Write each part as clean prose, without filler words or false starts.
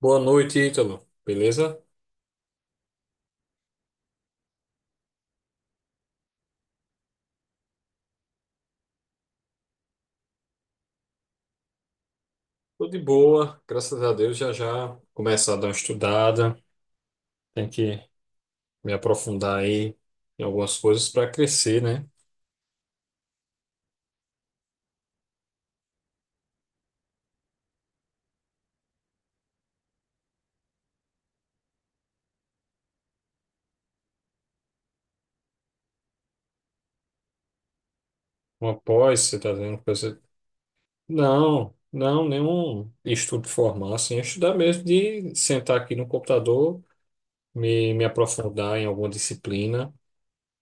Boa noite, Ítalo. Beleza? Tô de boa, graças a Deus. Já já começar a dar uma estudada. Tem que me aprofundar aí em algumas coisas para crescer, né? Uma pós, você tá vendo coisa. Não, não, nenhum estudo formal, assim. É, estudar mesmo de sentar aqui no computador, me aprofundar em alguma disciplina,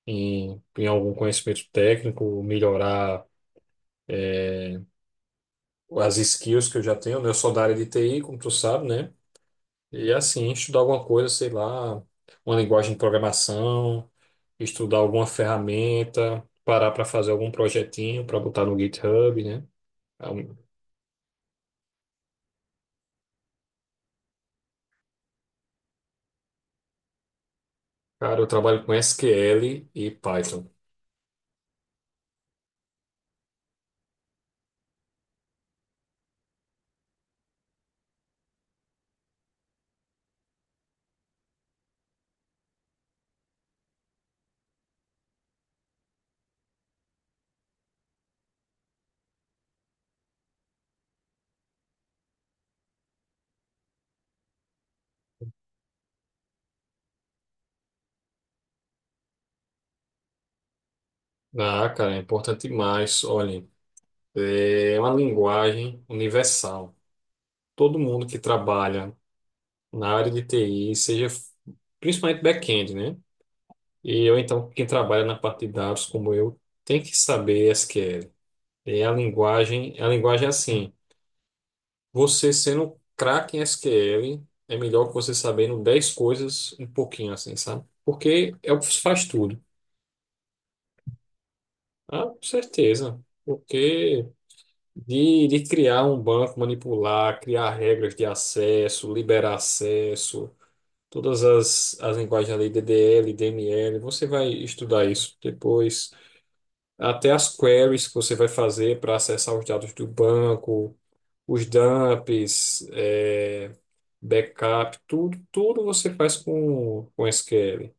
em algum conhecimento técnico, melhorar as skills que eu já tenho, né? Eu sou da área de TI, como tu sabe, né? E assim, estudar alguma coisa, sei lá, uma linguagem de programação, estudar alguma ferramenta, parar para fazer algum projetinho para botar no GitHub, né? É Um, Cara, eu trabalho com SQL e Python. Ah, cara, é importante demais. Olhem, é uma linguagem universal. Todo mundo que trabalha na área de TI, principalmente back-end, né? E eu, então, quem trabalha na parte de dados como eu, tem que saber SQL. E a linguagem é assim, você sendo craque em SQL, é melhor que você sabendo 10 coisas um pouquinho assim, sabe? Porque é o que faz tudo. Ah, com certeza. Porque de criar um banco, manipular, criar regras de acesso, liberar acesso, todas as linguagens ali, DDL, DML, você vai estudar isso depois. Até as queries que você vai fazer para acessar os dados do banco, os dumps, backup, tudo, tudo você faz com SQL.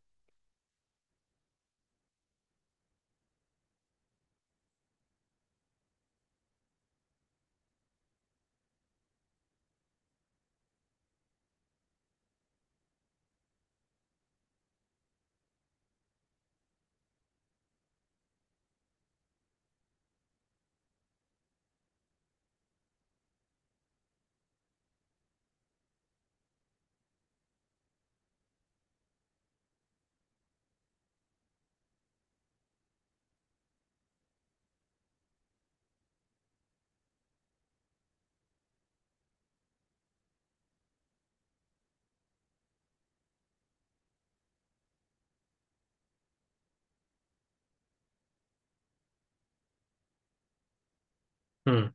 Hum.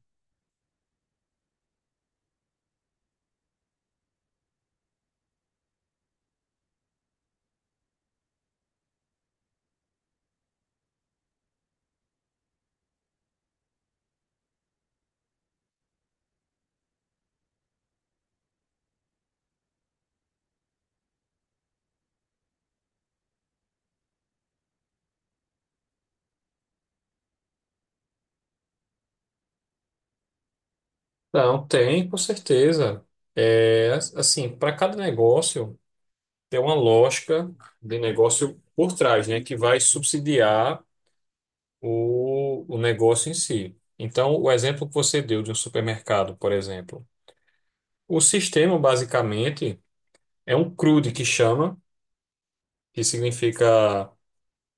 Não, tem, com certeza. É, assim, para cada negócio tem uma lógica de negócio por trás, né, que vai subsidiar o negócio em si. Então, o exemplo que você deu de um supermercado, por exemplo, o sistema basicamente é um CRUD que chama, que significa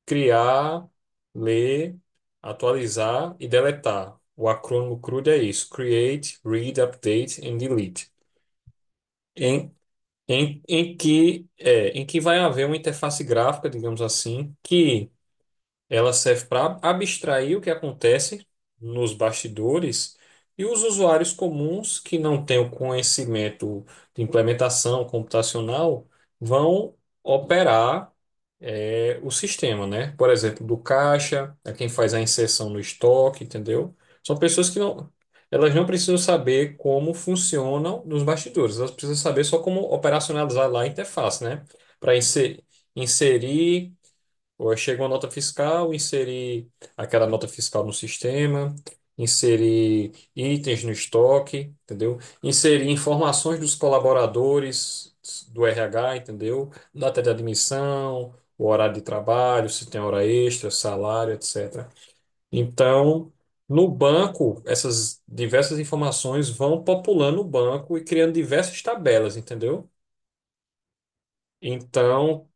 criar, ler, atualizar e deletar. O acrônimo CRUD é isso: Create, Read, Update and Delete. Em, em que vai haver uma interface gráfica, digamos assim, que ela serve para abstrair o que acontece nos bastidores, e os usuários comuns que não têm o conhecimento de implementação computacional vão operar é o sistema, né? Por exemplo, do caixa, é quem faz a inserção no estoque, entendeu? São pessoas que não, elas não precisam saber como funcionam nos bastidores, elas precisam saber só como operacionalizar lá a interface, né? Para inserir, ou chega uma nota fiscal, inserir aquela nota fiscal no sistema, inserir itens no estoque, entendeu? Inserir informações dos colaboradores do RH, entendeu? Data de admissão, o horário de trabalho, se tem hora extra, salário, etc. Então, no banco, essas diversas informações vão populando o banco e criando diversas tabelas, entendeu? Então,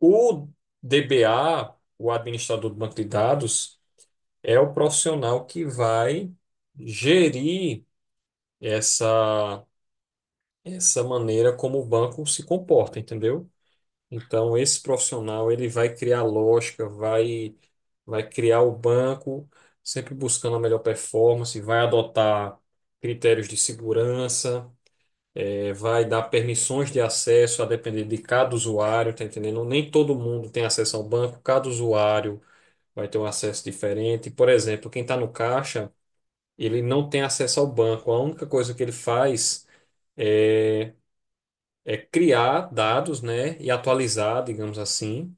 o DBA, o administrador do banco de dados, é o profissional que vai gerir essa, essa maneira como o banco se comporta, entendeu? Então, esse profissional ele vai criar lógica, vai criar o banco, sempre buscando a melhor performance, vai adotar critérios de segurança, vai dar permissões de acesso a depender de cada usuário, tá entendendo? Nem todo mundo tem acesso ao banco, cada usuário vai ter um acesso diferente. Por exemplo, quem está no caixa, ele não tem acesso ao banco. A única coisa que ele faz é, é criar dados, né, e atualizar, digamos assim.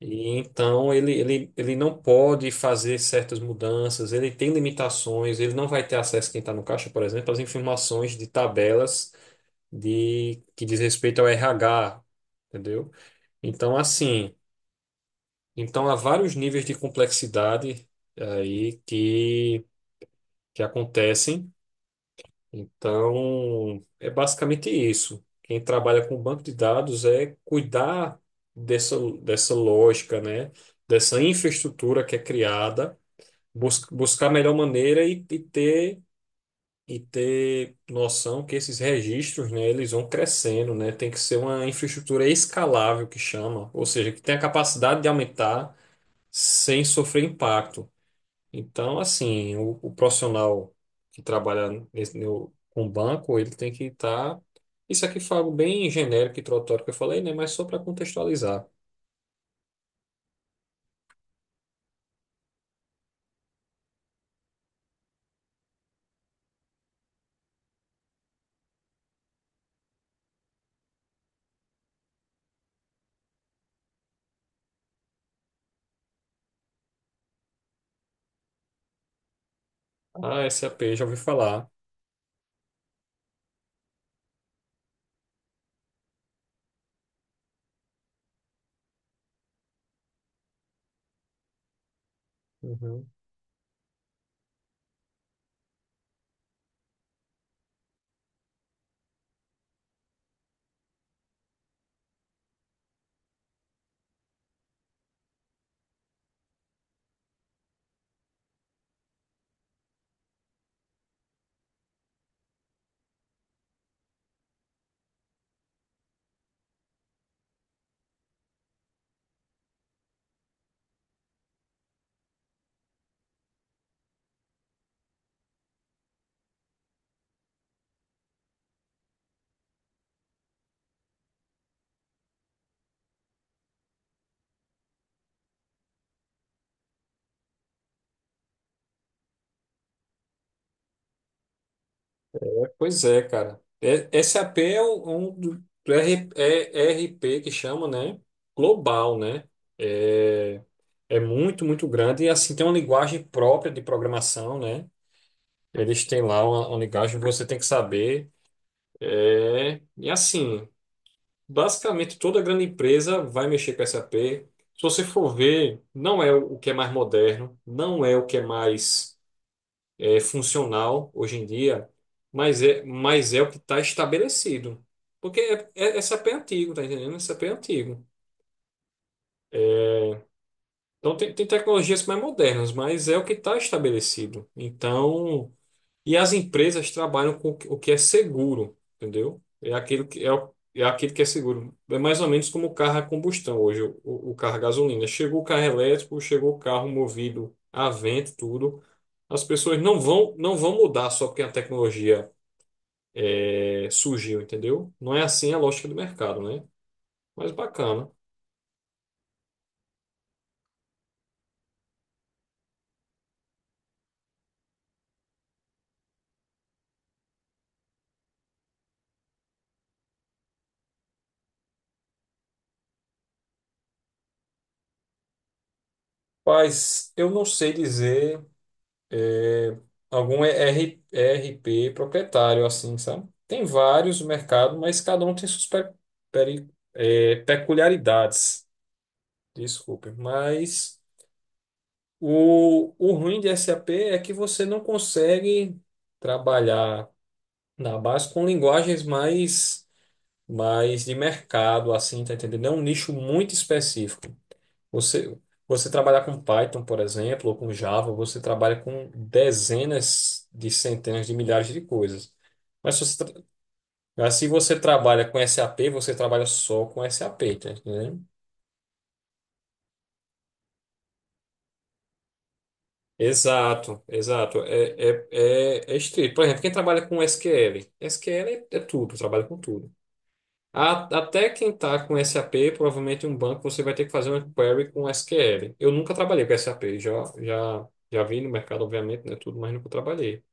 E então ele não pode fazer certas mudanças, ele tem limitações, ele não vai ter acesso, quem está no caixa, por exemplo, às informações de tabelas de que diz respeito ao RH, entendeu? Então, assim, então há vários níveis de complexidade aí que acontecem. Então, é basicamente isso. Quem trabalha com banco de dados é cuidar dessa lógica, né? Dessa infraestrutura que é criada, buscar a melhor maneira e ter noção que esses registros, né, eles vão crescendo, né? Tem que ser uma infraestrutura escalável que chama, ou seja, que tem a capacidade de aumentar sem sofrer impacto. Então, assim, o profissional que trabalha nesse, no, com banco, ele tem que estar. Isso aqui foi algo bem genérico e introdutório que eu falei, né? Mas só para contextualizar. Ah, SAP, já ouvi falar. Uhum. Pois é, cara. SAP é um do ERP que chama, né? Global, né? É, é muito, muito grande. E assim, tem uma linguagem própria de programação, né? Eles têm lá uma linguagem que você tem que saber. É, e assim. Basicamente, toda grande empresa vai mexer com SAP. Se você for ver, não é o que é mais moderno, não é o que é mais funcional hoje em dia, mas é o que está estabelecido. Porque SAP é antigo, tá entendendo? SAP é antigo. Então, tem tecnologias mais modernas, mas é o que está estabelecido. Então. E as empresas trabalham com o que é seguro, entendeu? É aquilo que é, o- É aquilo que é seguro. É mais ou menos como o carro a combustão hoje, o carro a gasolina. Chegou o carro elétrico, chegou o carro movido a vento, tudo. As pessoas não vão, não vão mudar só porque a tecnologia surgiu, entendeu? Não é assim a lógica do mercado, né? Mas bacana. Mas eu não sei dizer algum ER ERP proprietário, assim, sabe? Tem vários no mercado, mas cada um tem suas peri- peculiaridades. Desculpe, mas o ruim de SAP é que você não consegue trabalhar na base com linguagens mais de mercado, assim, tá entendendo? É um nicho muito específico. Você, você trabalhar com Python, por exemplo, ou com Java, você trabalha com dezenas de centenas de milhares de coisas. Mas se você, tra- mas se você trabalha com SAP, você trabalha só com SAP, tá entendendo? Exato, exato. É, é estrito. Por exemplo, quem trabalha com SQL? SQL é tudo, trabalha com tudo. Até quem está com SAP, provavelmente em um banco, você vai ter que fazer uma query com SQL. Eu nunca trabalhei com SAP, já, já vi no mercado, obviamente, né, tudo, mas nunca trabalhei.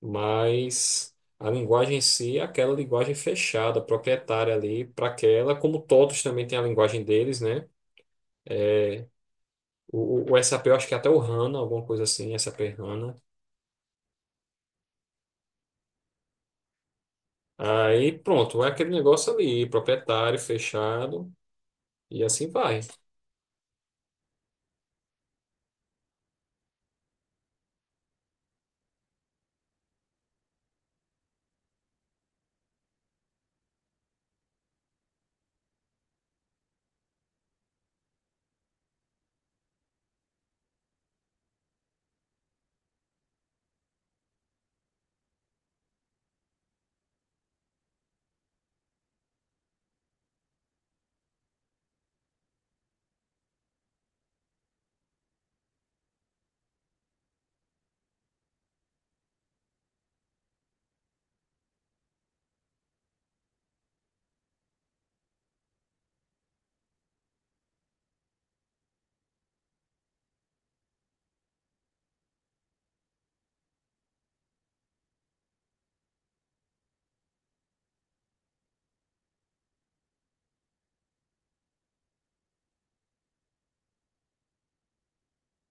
Mas a linguagem em si é aquela linguagem fechada, proprietária ali para aquela, como todos também têm a linguagem deles, né? O SAP, eu acho que é até o HANA, alguma coisa assim, SAP HANA. Aí pronto, é aquele negócio ali, proprietário, fechado, e assim vai.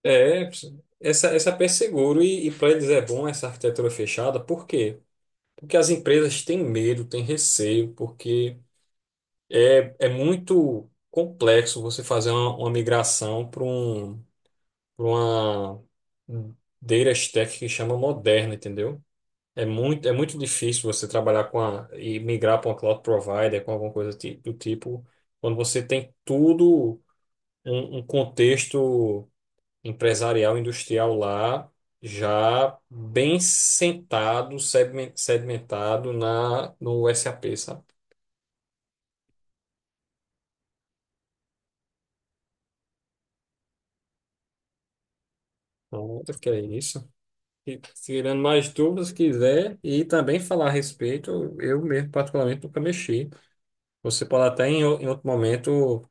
É, SAP é seguro e para eles é bom essa arquitetura fechada, por quê? Porque as empresas têm medo, têm receio, porque é muito complexo você fazer uma migração para um pra uma data stack que chama moderna, entendeu? É muito difícil você trabalhar e migrar para uma cloud provider, com alguma coisa do tipo, quando você tem tudo, um contexto empresarial, industrial lá, já bem sentado, sedimentado no SAP, sabe? Então, acho que é isso. E tirando mais dúvidas, se quiser, e também falar a respeito, eu mesmo, particularmente, nunca mexi. Você pode até em outro momento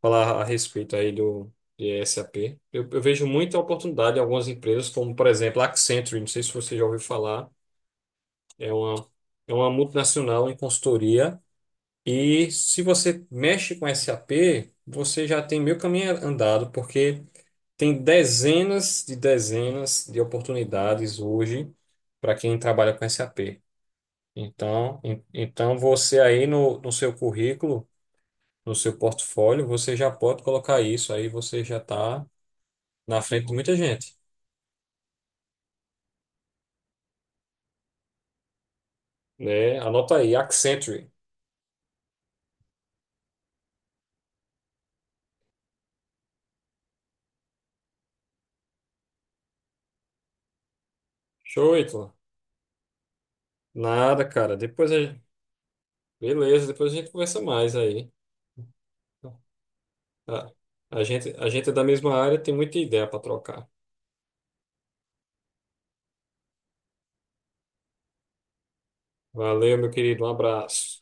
falar a respeito aí do de SAP. Eu vejo muita oportunidade em algumas empresas, como por exemplo a Accenture, não sei se você já ouviu falar, é uma, é uma multinacional em consultoria. E se você mexe com SAP, você já tem meio caminho andado, porque tem dezenas de oportunidades hoje para quem trabalha com SAP. Então, então você aí no, seu currículo, no seu portfólio, você já pode colocar isso, aí você já está na frente de muita gente, né? Anota aí, Accenture. Show, Ítalo. Nada, cara. Depois. Beleza, depois a gente conversa mais aí. A, a gente é da mesma área, tem muita ideia para trocar. Valeu, meu querido. Um abraço.